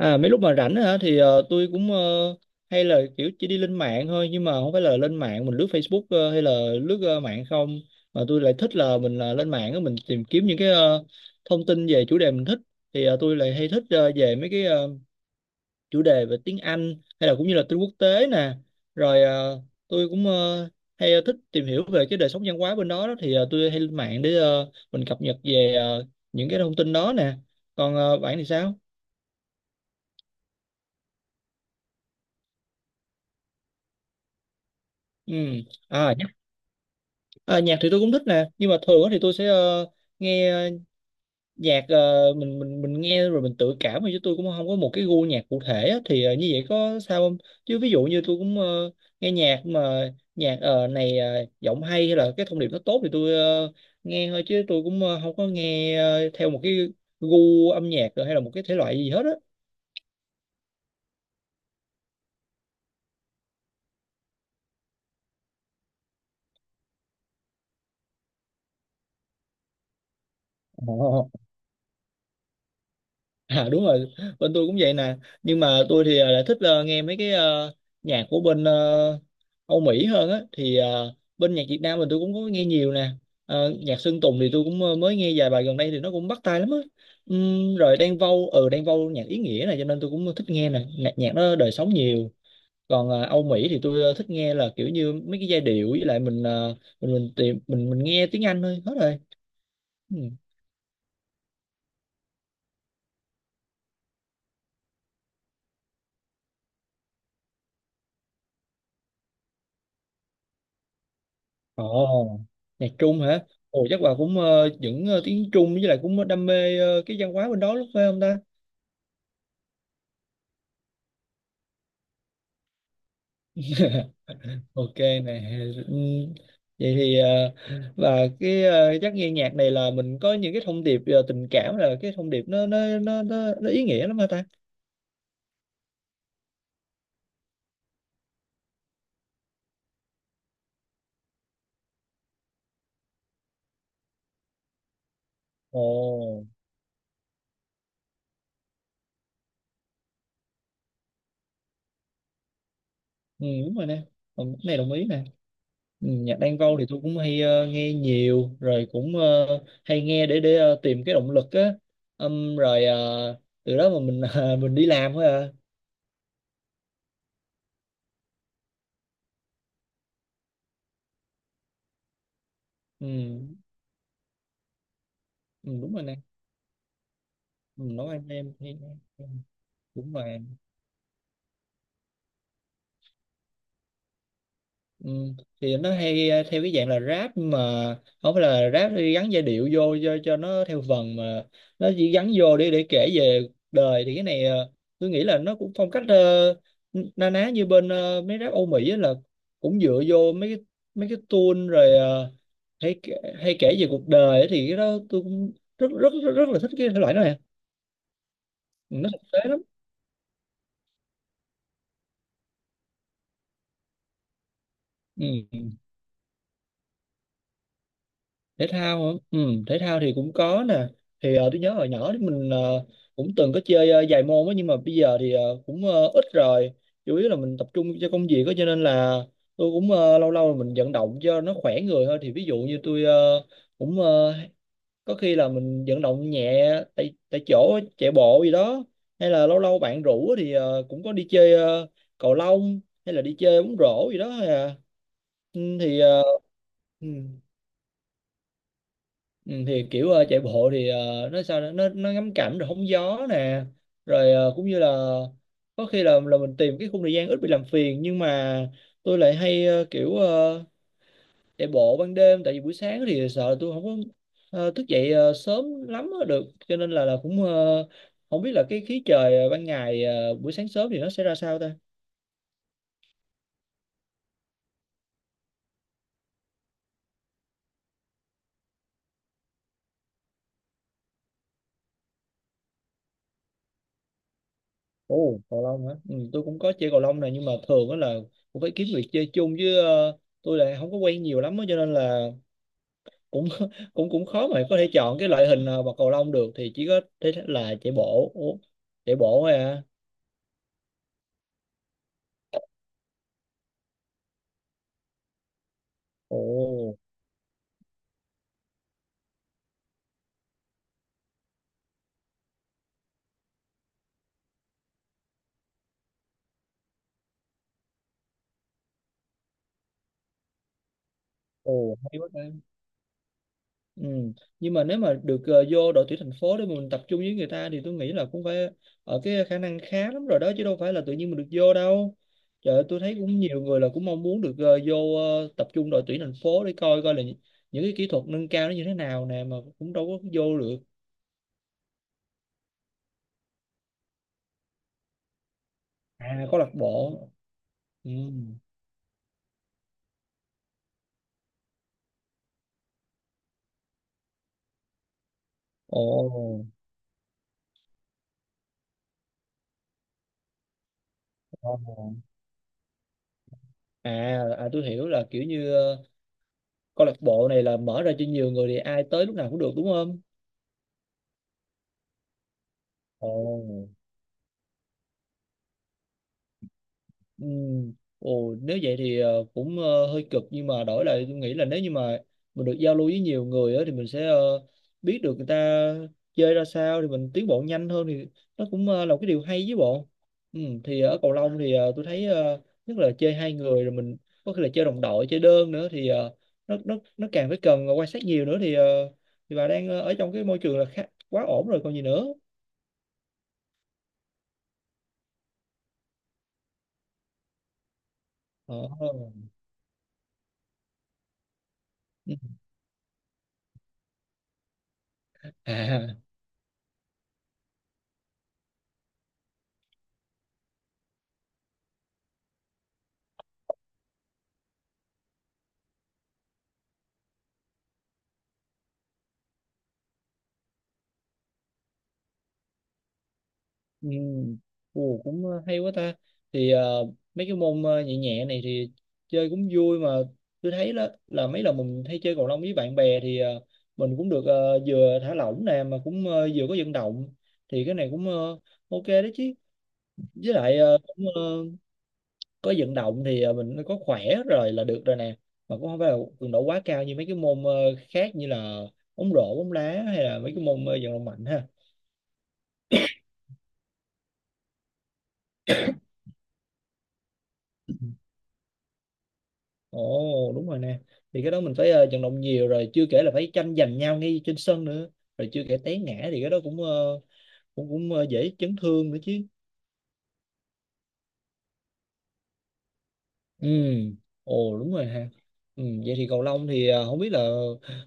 À, mấy lúc mà rảnh á hả thì tôi hay là kiểu chỉ đi lên mạng thôi nhưng mà không phải là lên mạng mình lướt Facebook hay là lướt mạng không mà tôi lại thích là mình lên mạng á, mình tìm kiếm những cái thông tin về chủ đề mình thích thì tôi lại hay thích về mấy cái chủ đề về tiếng Anh hay là cũng như là tin quốc tế nè rồi tôi hay thích tìm hiểu về cái đời sống văn hóa bên đó, đó. Thì tôi hay lên mạng để mình cập nhật về những cái thông tin đó nè, còn bạn thì sao? Ừ. À, ờ, nhạc thì tôi cũng thích nè, nhưng mà thường á thì tôi sẽ nghe nhạc mình nghe rồi mình tự cảm thôi, chứ tôi cũng không có một cái gu nhạc cụ thể á, thì như vậy có sao không, chứ ví dụ như tôi nghe nhạc mà nhạc này giọng hay hay là cái thông điệp nó tốt thì tôi nghe thôi chứ tôi không có nghe theo một cái gu âm nhạc hay là một cái thể loại gì hết á. Ồ. À đúng rồi, bên tôi cũng vậy nè. Nhưng mà tôi thì lại thích nghe mấy cái nhạc của bên Âu Mỹ hơn á. Thì bên nhạc Việt Nam mình tôi cũng có nghe nhiều nè. Ờ, nhạc Sơn Tùng thì tôi cũng mới nghe vài bài gần đây thì nó cũng bắt tai lắm á. Rồi Đan Vâu, ừ Đan Vâu nhạc ý nghĩa này cho nên tôi cũng thích nghe nè. Nhạc nó đời sống nhiều. Còn Âu Mỹ thì tôi thích nghe là kiểu như mấy cái giai điệu, với lại mình mình tìm mình nghe tiếng Anh thôi hết rồi. Ừ. Ồ, nhạc Trung hả? Ồ, chắc bà cũng tiếng Trung với lại cũng đam mê cái văn hóa bên đó lúc phải không ta? Ok nè. Ừm, vậy thì và cái chắc nghe nhạc này là mình có những cái thông điệp tình cảm, là cái thông điệp nó ý nghĩa lắm hả ta? Ồ, ừ, đúng rồi nè. Ừ, cái này đồng ý nè. Ừ, nhạc Đan Vâu thì tôi cũng hay nghe nhiều rồi cũng hay nghe để tìm cái động lực á. Rồi từ đó mà mình mình đi làm thôi à. Ừ, ừ, đúng rồi nè. Ừ, nấu ăn em thì đúng rồi. Ừ, thì nó hay theo cái dạng là rap, nhưng mà không phải là rap thì gắn giai điệu vô cho nó theo vần mà nó chỉ gắn vô để kể về cuộc đời, thì cái này tôi nghĩ là nó cũng phong cách na ná như bên mấy rap Âu Mỹ á, là cũng dựa vô mấy cái tune rồi hay kể về cuộc đời á thì cái đó tôi cũng rất là thích cái thể loại đó nè. Ừ, nó thực tế lắm. Ừ, thể thao hả, ừ, thể thao thì cũng có nè, thì tôi nhớ hồi nhỏ thì mình cũng từng có chơi vài môn á, nhưng mà bây giờ thì cũng ít rồi, chủ yếu là mình tập trung cho công việc á, cho nên là tôi cũng lâu lâu mình vận động cho nó khỏe người thôi, thì ví dụ như tôi cũng ờ, có khi là mình vận động nhẹ tại tại chỗ chạy bộ gì đó, hay là lâu lâu bạn rủ á thì cũng có đi chơi cầu lông hay là đi chơi bóng rổ gì đó. Hay à. Ừ, thì ừ. Ừ, thì kiểu chạy bộ thì nó sao nữa? Nó ngắm cảnh rồi hóng gió nè, rồi cũng như là có khi là mình tìm cái khung thời gian ít bị làm phiền, nhưng mà tôi lại hay kiểu chạy bộ ban đêm, tại vì buổi sáng thì sợ là tôi không có thức dậy sớm lắm á được, cho nên là không biết là cái khí trời ban ngày buổi sáng sớm thì nó sẽ ra sao ta. Ồ, cầu lông hả? Ừ, tôi cũng có chơi cầu lông này, nhưng mà thường đó là cũng phải kiếm người chơi chung, chứ tôi lại không có quen nhiều lắm á, cho nên là cũng cũng cũng khó mà có thể chọn cái loại hình bật cầu lông được, thì chỉ có thế là chạy bộ. Ủa, chạy bộ thôi à. Ồ, ồ hay quá ta. Ừ, nhưng mà nếu mà được vô đội tuyển thành phố để mình tập trung với người ta thì tôi nghĩ là cũng phải ở cái khả năng khá lắm rồi đó, chứ đâu phải là tự nhiên mình được vô đâu. Trời ơi, tôi thấy cũng nhiều người là cũng mong muốn được vô tập trung đội tuyển thành phố để coi coi là những cái kỹ thuật nâng cao nó như thế nào nè, mà cũng đâu có vô được. À có lạc bộ. Ừ. Ồ, ồ. À, à tôi hiểu là kiểu như câu lạc bộ này là mở ra cho nhiều người thì ai tới lúc nào cũng được, đúng không? Ồ. Ừ. Ồ, nếu vậy thì cũng hơi cực, nhưng mà đổi lại tôi nghĩ là nếu như mà mình được giao lưu với nhiều người á, thì mình sẽ biết được người ta chơi ra sao, thì mình tiến bộ nhanh hơn, thì nó cũng là một cái điều hay với bộ. Ừ, thì ở cầu lông thì tôi thấy nhất là chơi hai người, rồi mình có khi là chơi đồng đội chơi đơn nữa thì nó càng phải cần quan sát nhiều nữa thì thì bà đang ở trong cái môi trường là khá, quá ổn rồi còn gì nữa. Ờ. Ừ. À. Ừ. Ồ, cũng hay quá ta, thì mấy cái môn nhẹ nhẹ này thì chơi cũng vui mà. Tôi thấy là mấy lần mình hay chơi cầu lông với bạn bè thì mình cũng được vừa thả lỏng nè, mà cũng vừa có vận động, thì cái này cũng ok đấy chứ. Với lại có vận động thì mình có khỏe rồi là được rồi nè, mà cũng không phải là cường độ quá cao như mấy cái môn khác như là bóng rổ bóng đá, hay là mấy cái môn vận động mạnh ha. Ồ đúng rồi nè. Thì cái đó mình phải vận động nhiều rồi, chưa kể là phải tranh giành nhau ngay trên sân nữa. Rồi chưa kể té ngã thì cái đó cũng ờ, cũng cũng ờ, dễ chấn thương nữa chứ. Ừ. Ồ đúng rồi ha. Ừ, vậy thì cầu lông thì không biết là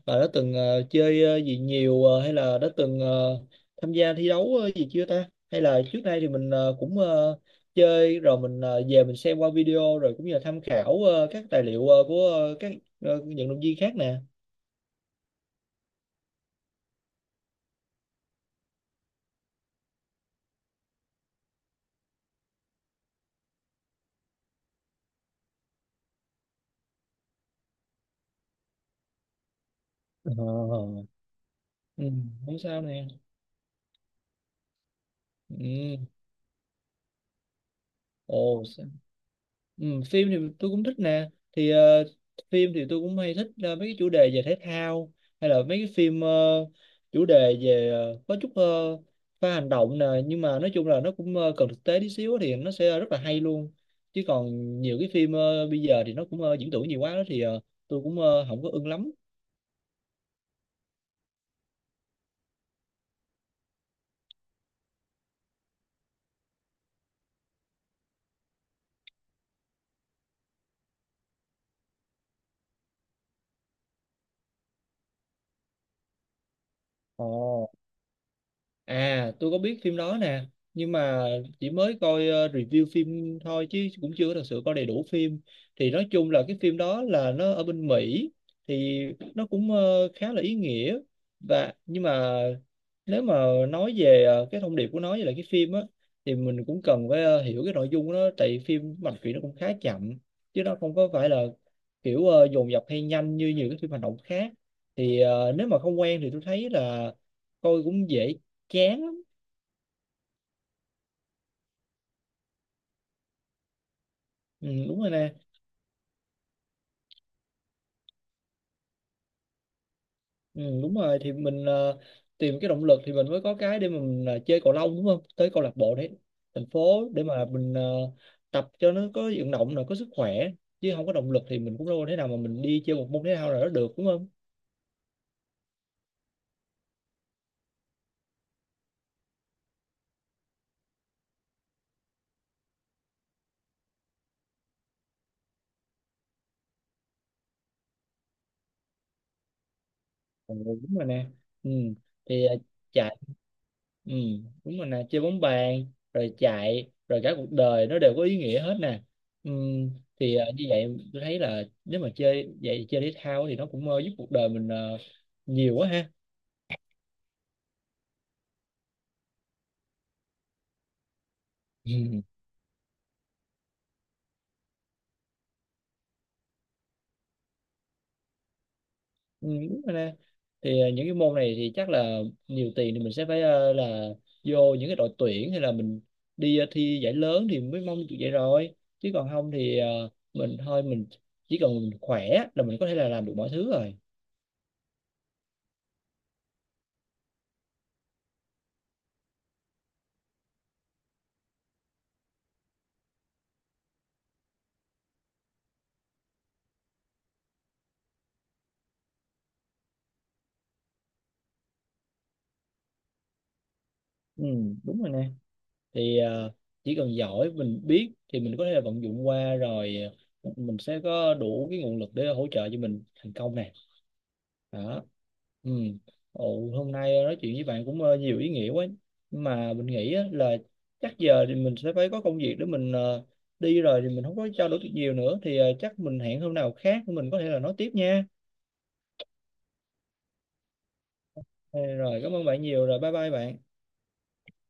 bà đã từng chơi gì nhiều hay là đã từng tham gia thi đấu gì chưa ta, hay là trước đây thì mình cũng chơi rồi mình về mình xem qua video, rồi cũng như là tham khảo các tài liệu của các vận động viên khác nè. Ờ. Ừ, không sao nè. Ừ. Ồ, ừ, phim thì tôi cũng thích nè. Thì phim thì tôi cũng hay thích mấy cái chủ đề về thể thao, hay là mấy cái phim chủ đề về có chút pha hành động nè, nhưng mà nói chung là nó cũng cần thực tế tí xíu thì nó sẽ rất là hay luôn. Chứ còn nhiều cái phim bây giờ thì nó cũng diễn tưởng nhiều quá đó, thì tôi cũng không có ưng lắm. Ồ. À, tôi có biết phim đó nè, nhưng mà chỉ mới coi review phim thôi, chứ cũng chưa có thật sự coi đầy đủ phim. Thì nói chung là cái phim đó là nó ở bên Mỹ, thì nó cũng khá là ý nghĩa, và nhưng mà nếu mà nói về cái thông điệp của nó với lại cái phim á, thì mình cũng cần phải hiểu cái nội dung của nó, tại vì phim mạch truyện nó cũng khá chậm, chứ nó không có phải là kiểu dồn dập hay nhanh như nhiều cái phim hành động khác. Thì nếu mà không quen thì tôi thấy là coi cũng dễ chán lắm. Ừ, đúng rồi nè. Ừ, đúng rồi, thì mình tìm cái động lực thì mình mới có cái để mà mình chơi cầu lông đúng không, tới câu lạc bộ đấy thành phố để mà mình tập cho nó có vận động là có sức khỏe, chứ không có động lực thì mình cũng đâu có thể nào mà mình đi chơi một môn thể thao nào đó được đúng không. Ừ, đúng rồi nè. Ừ, thì chạy, ừ đúng rồi nè, chơi bóng bàn rồi chạy rồi cả cuộc đời nó đều có ý nghĩa hết nè. Ừ, thì như vậy tôi thấy là nếu mà chơi vậy chơi thể thao thì nó cũng giúp cuộc đời mình nhiều quá ha. Ừ, đúng rồi nè, thì những cái môn này thì chắc là nhiều tiền thì mình sẽ phải là vô những cái đội tuyển, hay là mình đi thi giải lớn thì mới mong được vậy rồi, chứ còn không thì mình thôi mình chỉ cần mình khỏe là mình có thể là làm được mọi thứ rồi. Ừ đúng rồi nè, thì chỉ cần giỏi mình biết thì mình có thể là vận dụng qua rồi, ờ, mình sẽ có đủ cái nguồn lực để hỗ trợ cho mình thành công này. Đó. Ừ. Ồ, hôm nay nói chuyện với bạn cũng nhiều ý nghĩa quá. Nhưng mà mình nghĩ á, là chắc giờ thì mình sẽ phải có công việc để mình đi rồi, thì mình không có trao đổi được nhiều nữa, thì chắc mình hẹn hôm nào khác mình có thể là nói tiếp nha. Ờ, rồi cảm ơn bạn nhiều rồi, bye bye bạn.